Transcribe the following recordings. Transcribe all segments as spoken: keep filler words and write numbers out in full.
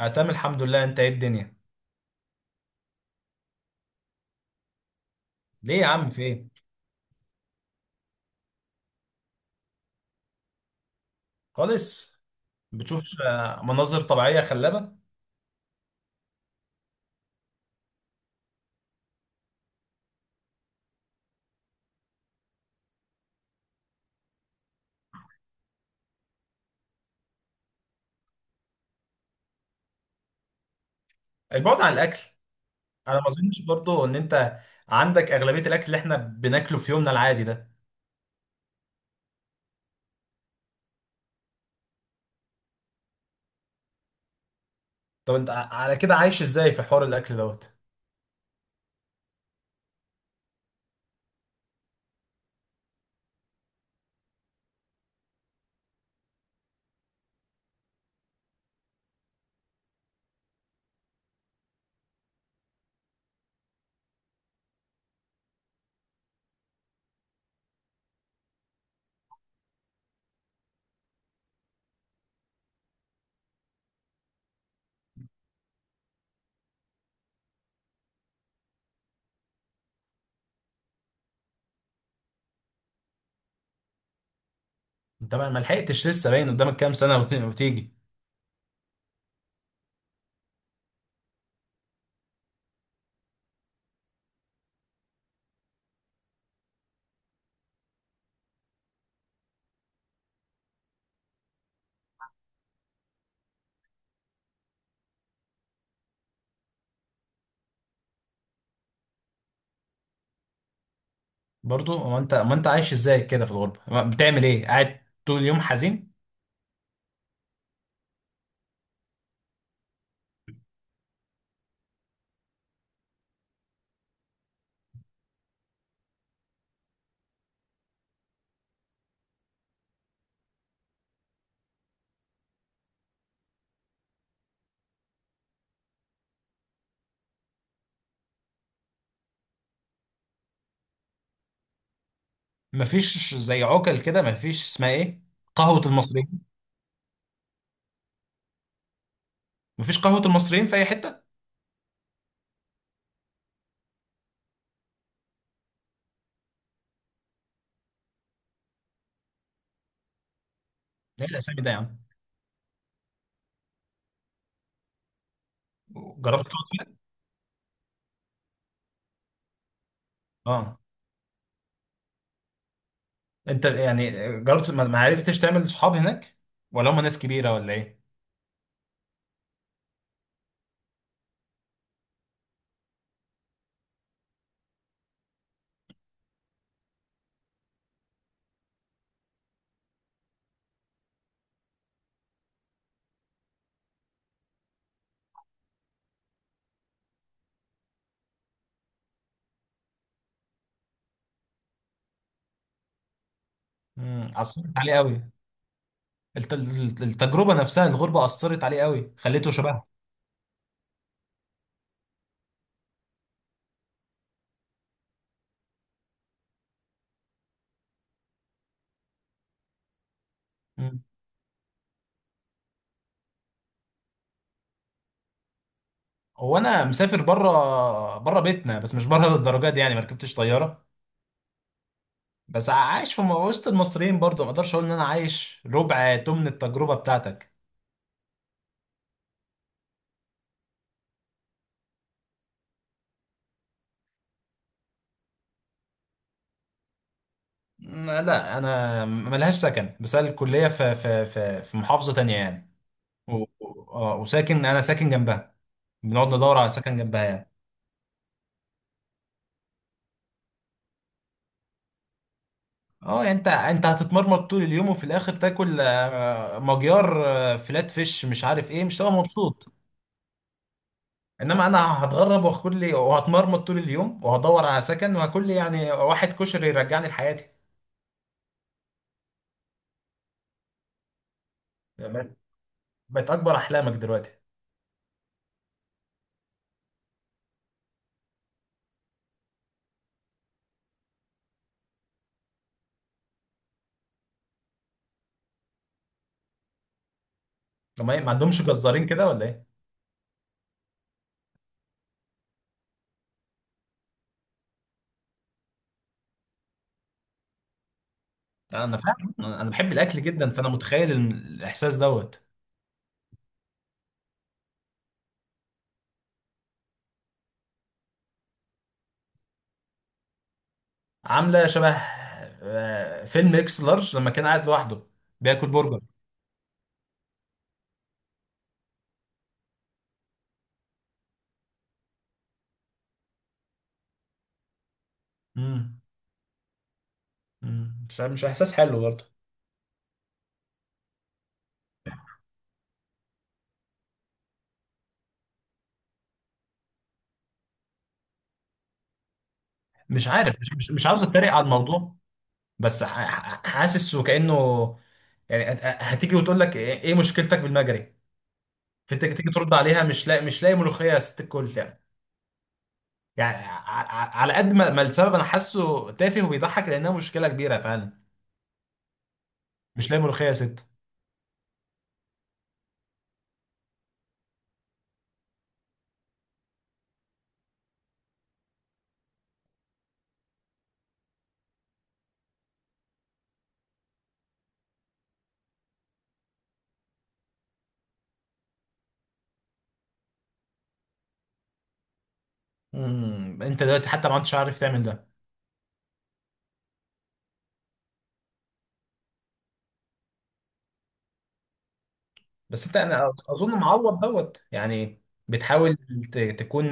أنا تمام الحمد لله، أنت إيه الدنيا؟ ليه يا عم في إيه؟ خالص. ما بتشوفش، آه، مناظر طبيعية خلابة؟ البعد عن الأكل. أنا ما أظنش برضه إن أنت عندك أغلبية الأكل اللي إحنا بناكله في يومنا العادي ده. طب أنت ع- على كده عايش إزاي في حوار الأكل دوت؟ أنت ما ما لحقتش لسه، باين قدامك كام سنة وت- وتيجي. برضه هو أنت، ما أنت عايش إزاي كده في الغربة؟ ما- بتعمل إيه؟ قاعد طول اليوم حزين؟ مفيش زي عقل كده، مفيش اسمها إيه؟ قهوة المصريين. مفيش قهوة المصريين في أي حتة؟ إيه الأسامي ده يا عم؟ جربت. اه، انت يعني جربت ما ما عرفتش تعمل صحاب هناك، ولا هم ناس كبيره، ولا ايه؟ امم اثرت عليه قوي. الت- الت- التجربه نفسها، الغربه اثرت عليه قوي، خليته شبهها. مم. هو انا مسافر بره، بره بيتنا، بس مش بره للدرجه دي يعني، ما ركبتش طياره. بس عايش في م- وسط المصريين برضو، ما اقدرش اقول ان انا عايش ربع تمن التجربه بتاعتك. مم، لا انا ملهاش سكن، بس أنا الكليه في في في في محافظه تانية يعني. و... و- اه وساكن انا ساكن جنبها. بنقعد ندور على سكن جنبها يعني. اه يعني انت انت هتتمرمط طول اليوم، وفي الاخر تاكل آه، مجيار، آه، فلات فيش، مش عارف ايه، مش هتبقى مبسوط. انما انا هتغرب وهاكل لي، وهتمرمط طول اليوم وهدور على سكن وهاكل لي يعني واحد كشري يرجعني لحياتي. بقت بقت اكبر احلامك دلوقتي. لما ما إيه، ما عندهمش جزارين كده ولا ايه؟ انا فاهم، انا بحب الاكل جدا، فانا متخيل الم- الاحساس دوت. عامله شبه آه، فيلم اكس لارج، لما كان قاعد لوحده بياكل برجر. امم امم مش مش احساس حلو برضه. مش عارف، مش, مش مش عاوز اتريق على الموضوع، بس ح- ح- حاسس وكانه يعني هت- هتيجي وتقول لك ايه إيه مشكلتك بالمجري، فانت تيجي ترد عليها، مش لاقي مش لاقي ملوخيه يا ست الكل يعني. يعني ع- ع- على قد ما ما السبب انا حاسه تافه وبيضحك، لانها مشكله كبيره فعلا. مش لاقي ملوخيه يا ست. امم مم، انت دلوقتي حتى ما عدتش عارف تعمل ده. بس انت انا اظن معوض دوت يعني. بتحاول ت- تكون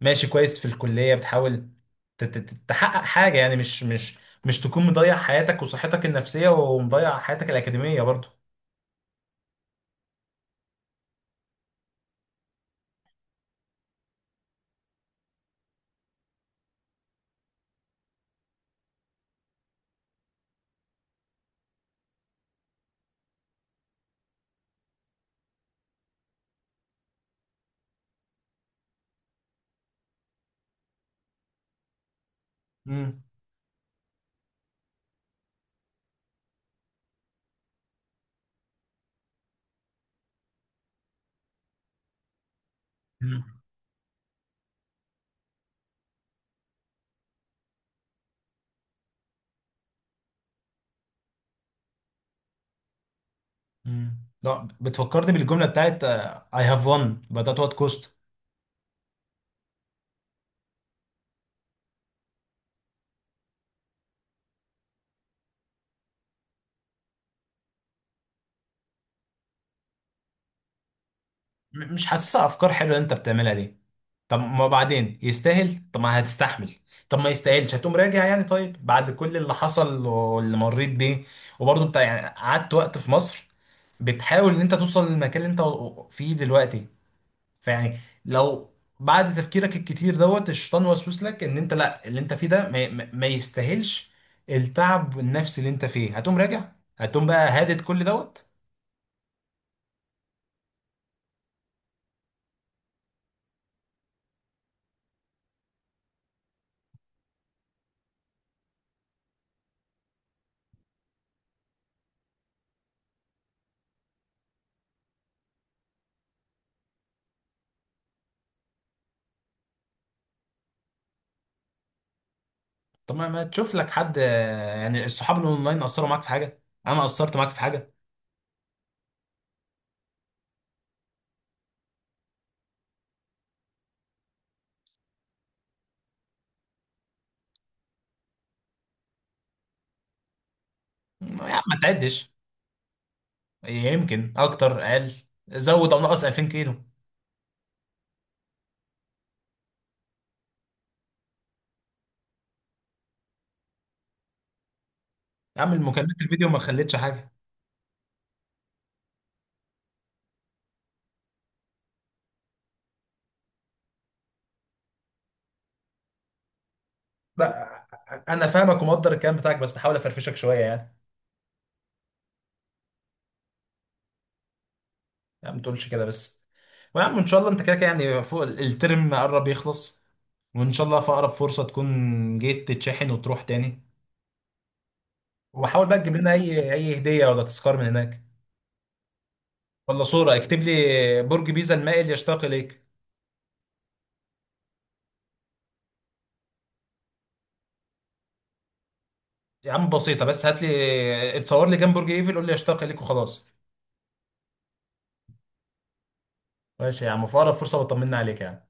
ماشي كويس في الكليه، بتحاول ت- ت- ت- تحقق حاجه يعني، مش مش مش تكون مضيع حياتك وصحتك النفسيه، ومضيع حياتك الاكاديميه برضو. امم مم. مم. لا، بتفكرني بالجمله بتاعت اي هاف وان بدات وات كوست. مش حاسسها افكار حلوه اللي انت بتعملها دي. طب ما بعدين يستاهل، طب ما هتستحمل. طب ما يستاهلش هتقوم راجع يعني؟ طيب بعد كل اللي حصل واللي مريت بيه، وبرضه انت يعني قعدت وقت في مصر بتحاول ان انت توصل للمكان اللي انت فيه دلوقتي. فيعني، لو بعد تفكيرك الكتير دوت الشيطان وسوس لك ان انت لا، اللي انت فيه ده ما, ما ما يستاهلش التعب النفسي اللي انت فيه، هتقوم راجع؟ هتقوم بقى هادد كل دوت؟ طب ما ما تشوف لك حد، آه، يعني الصحاب الاونلاين اثروا معاك في حاجه؟ انا اثرت معاك في حاجه؟ يا عم ما تعدش. يمكن اكتر، اقل، زود او نقص ألفين كيلو. يا عم المكالمات الفيديو ما خلتش حاجه. لا، انا فاهمك ومقدر الكلام بتاعك، بس بحاول افرفشك شويه يعني. يا عم ما تقولش كده بس. ويا عم ان شاء الله انت كده كده يعني فوق، ال- الترم قرب يخلص، وان شاء الله في اقرب فرصه تكون جيت تتشحن وتروح تاني. وحاول بقى تجيب لنا اي اي هديه ولا تذكار من هناك، ولا صوره اكتب لي برج بيزا المائل يشتاق اليك. يا عم بسيطه، بس هات لي اتصور لي جنب برج ايفل، قول لي يشتاق اليك وخلاص. ماشي يا عم، في اقرب فرصه بطمنا عليك يعني.